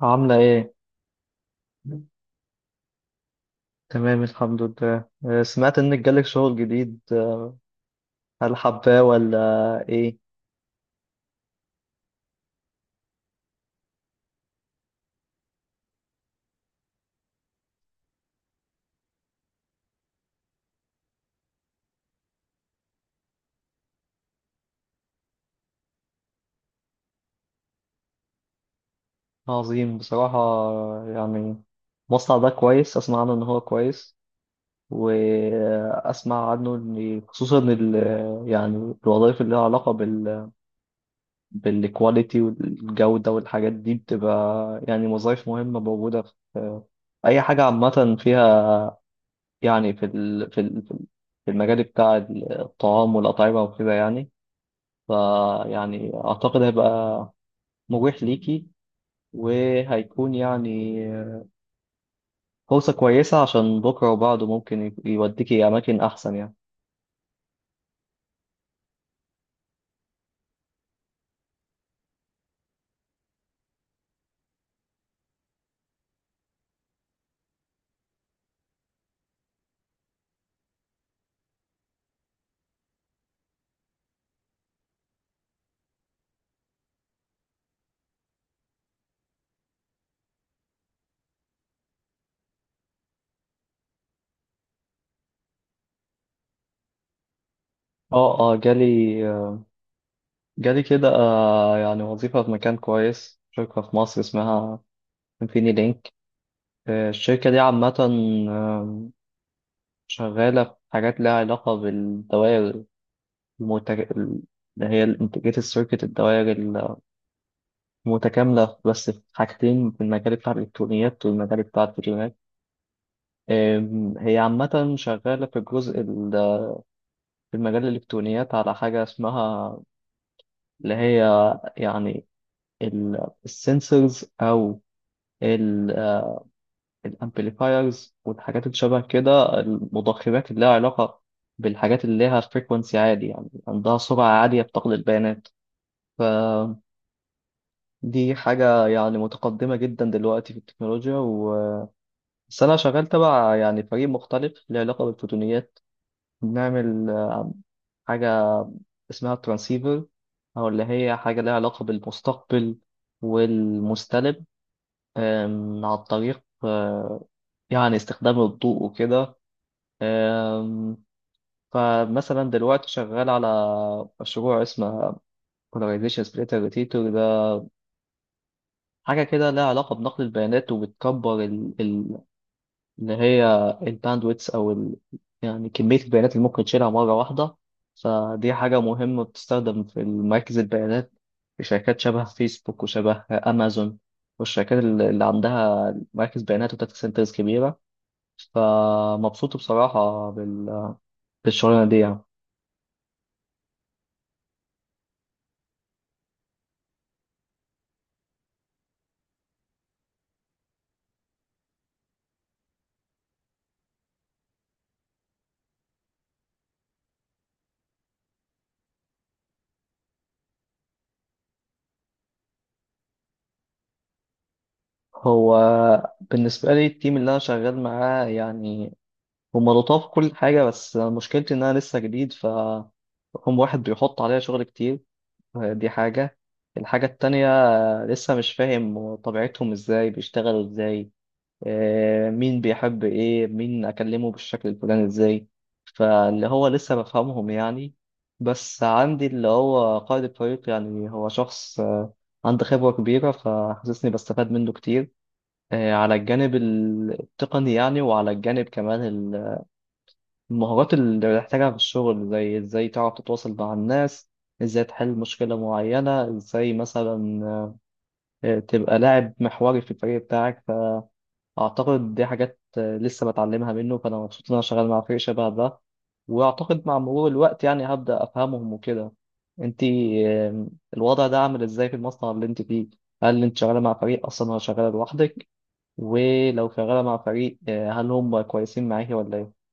عاملة ايه؟ تمام الحمد لله سمعت انك جالك شغل جديد هل حباه ولا ايه؟ عظيم بصراحة، يعني المصنع ده كويس، اسمع عنه ان هو كويس، واسمع عنه ان خصوصا ال، يعني الوظائف اللي لها علاقة بال، بالكواليتي والجودة والحاجات دي بتبقى يعني وظائف مهمة موجودة في اي حاجة عامة فيها، يعني في ال في المجال بتاع الطعام والأطعمة وكده، يعني فيعني أعتقد هيبقى مريح ليكي، وهيكون يعني فرصة كويسة عشان بكرة وبعده ممكن يوديكي أماكن أحسن يعني. اه اه جالي، آه، جالي كده، يعني وظيفة في مكان كويس، شركة في مصر اسمها انفيني لينك. الشركة دي عامة، آم، شغالة في حاجات لها علاقة بالدوائر اللي هي الانتجريتد سيركت، الدوائر المتكاملة، بس في حاجتين: في المجال بتاع الإلكترونيات والمجال بتاع الفيديوهات. هي عامة شغالة في في مجال الإلكترونيات على حاجة اسمها، اللي هي يعني السنسورز أو الأمبليفايرز والحاجات اللي شبه كده، المضخمات اللي لها علاقة بالحاجات اللي لها فريكونسي عالي، يعني عندها سرعة عالية بتقل البيانات. فدي حاجة يعني متقدمة جدا دلوقتي في التكنولوجيا. و... بس أنا شغال تبع يعني فريق مختلف له علاقة بالفوتونيات. بنعمل حاجة اسمها الترانسيفر، أو اللي هي حاجة لها علاقة بالمستقبل والمستلب، عن طريق يعني استخدام الضوء وكده. أم، فمثلا دلوقتي شغال على مشروع اسمه Polarization Split Rotator. ده حاجة كده لها علاقة بنقل البيانات، وبتكبر ان هي الباندويتس او ال... يعني كميه البيانات اللي ممكن تشيلها مره واحده. فدي حاجه مهمه بتستخدم في مراكز البيانات، في شركات شبه فيسبوك وشبه امازون، اللي عندها مراكز بيانات وداتا سنترز كبيره. فمبسوط بصراحه بال... بالشغلانه دي يعني. هو بالنسبه لي التيم اللي انا شغال معاه يعني هم لطاف، كل حاجه، بس مشكلتي ان انا لسه جديد. ف هم واحد بيحط عليا شغل كتير، دي حاجة. الحاجة التانية، لسه مش فاهم طبيعتهم، ازاي بيشتغلوا ازاي، مين بيحب ايه، مين اكلمه بالشكل الفلاني ازاي، فاللي هو لسه بفهمهم يعني. بس عندي اللي هو قائد الفريق، يعني هو شخص عنده خبرة كبيرة، فحاسسني بستفاد منه كتير، على الجانب التقني يعني، وعلى الجانب كمان المهارات اللي بتحتاجها في الشغل، زي ازاي تعرف تتواصل مع الناس، ازاي تحل مشكلة معينة، ازاي مثلا تبقى لاعب محوري في الفريق بتاعك. فأعتقد دي حاجات لسه بتعلمها منه، فأنا مبسوط إن أنا شغال مع فريق شبه ده. وأعتقد مع مرور الوقت يعني هبدأ أفهمهم وكده. انتي آه، الوضع ده عامل ازاي في المصنع اللي انت فيه؟ هل انت شغالة مع فريق أصلا ولا شغالة لوحدك؟ ولو شغالة مع فريق، هل هم كويسين معاكي ولا ايه؟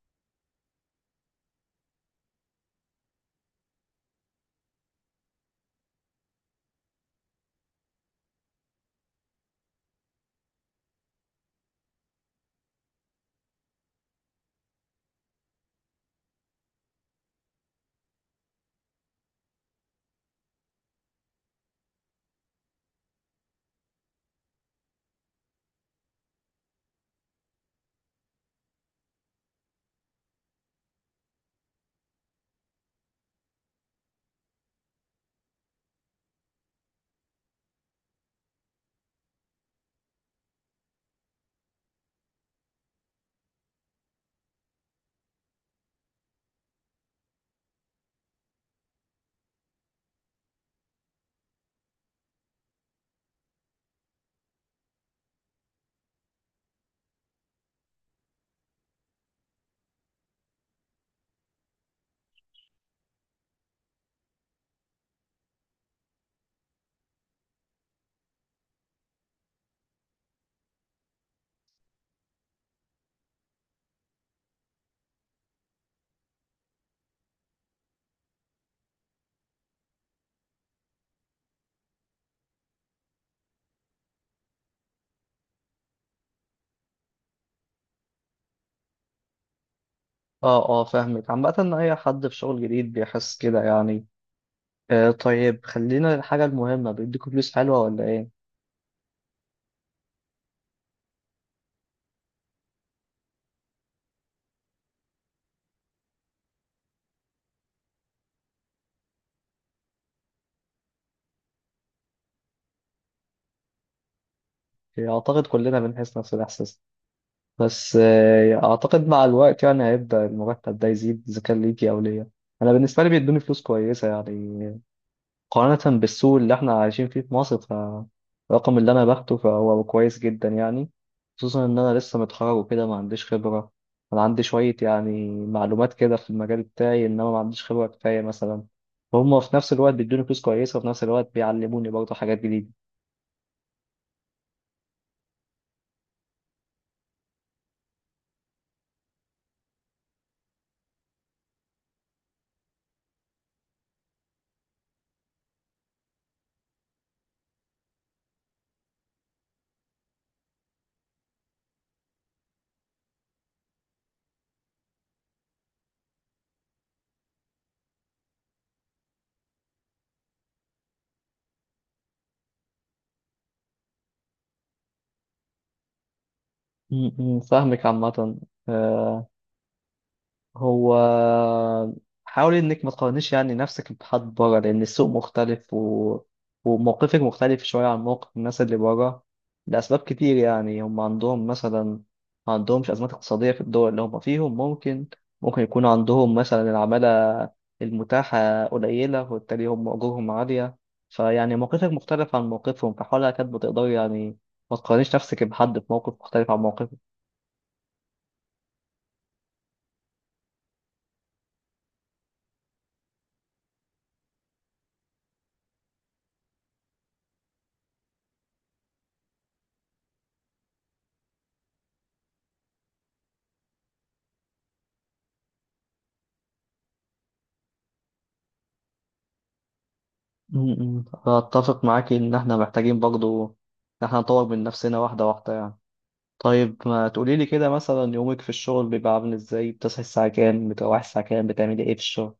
اه اه، فاهمك. عامة ان اي حد في شغل جديد بيحس كده يعني. طيب، خلينا الحاجة المهمة، بيديكوا فلوس حلوة ولا ايه؟ يعني اعتقد كلنا بنحس نفس الاحساس، بس آه اعتقد مع الوقت يعني هيبدأ المرتب ده يزيد، اذا كان ليكي او ليا. انا بالنسبة لي بيدوني فلوس كويسة يعني، مقارنة بالسوق اللي احنا عايشين فيه في مصر، فالرقم اللي انا باخده فهو كويس جدا يعني، خصوصا ان انا لسه متخرج وكده، ما عنديش خبرة. انا عندي شوية يعني معلومات كده في المجال بتاعي، انما ما عنديش خبرة كفاية مثلا. وهم في نفس الوقت بيدوني فلوس كويسة، وفي نفس الوقت بيعلموني برضه حاجات جديدة. م- م، فاهمك عامة. آه، هو حاول انك ما تقارنيش يعني نفسك بحد بره، لان السوق مختلف و... وموقفك مختلف شويه عن موقف الناس اللي بره، لاسباب كتير يعني. هم عندهم مثلا، ما عندهمش ازمات اقتصاديه في الدول اللي هم فيهم، ممكن يكون عندهم مثلا العماله المتاحه قليله وبالتالي هم اجورهم عاليه. فيعني موقفك مختلف عن موقفهم، فحاولها كانت بتقدر يعني ما تقارنيش نفسك بحد في موقف مختلف عن موقفك. م- م. أتفق معاك إن إحنا محتاجين برضو إن إحنا نطور من نفسنا واحدة واحدة يعني. طيب ما تقوليلي كده، مثلا يومك في الشغل بيبقى عامل إزاي؟ بتصحي الساعة كام، بتروحي الساعة كام، بتعملي إيه في الشغل؟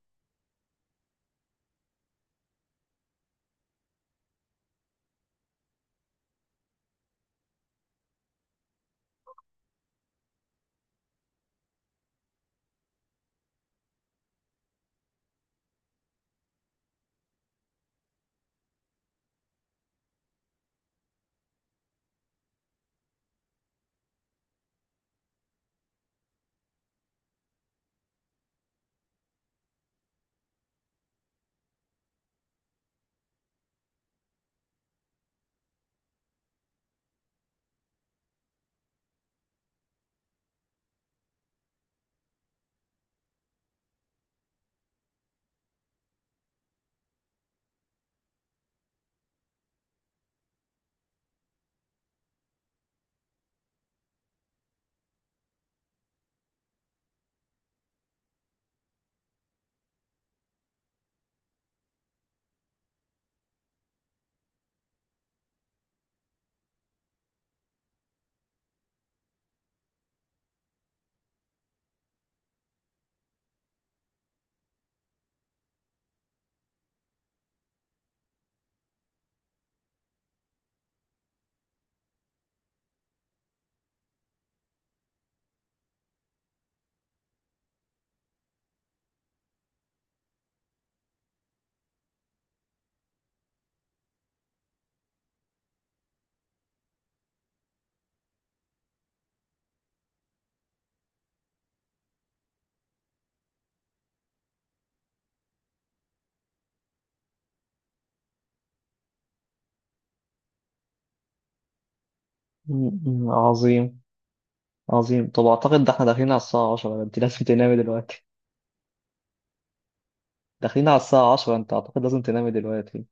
م- م. عظيم، عظيم. طب أعتقد ده إحنا داخلين على الساعة 10، أنت لازم تنامي دلوقتي. داخلين على الساعة عشرة، أنت أعتقد لازم تنامي دلوقتي.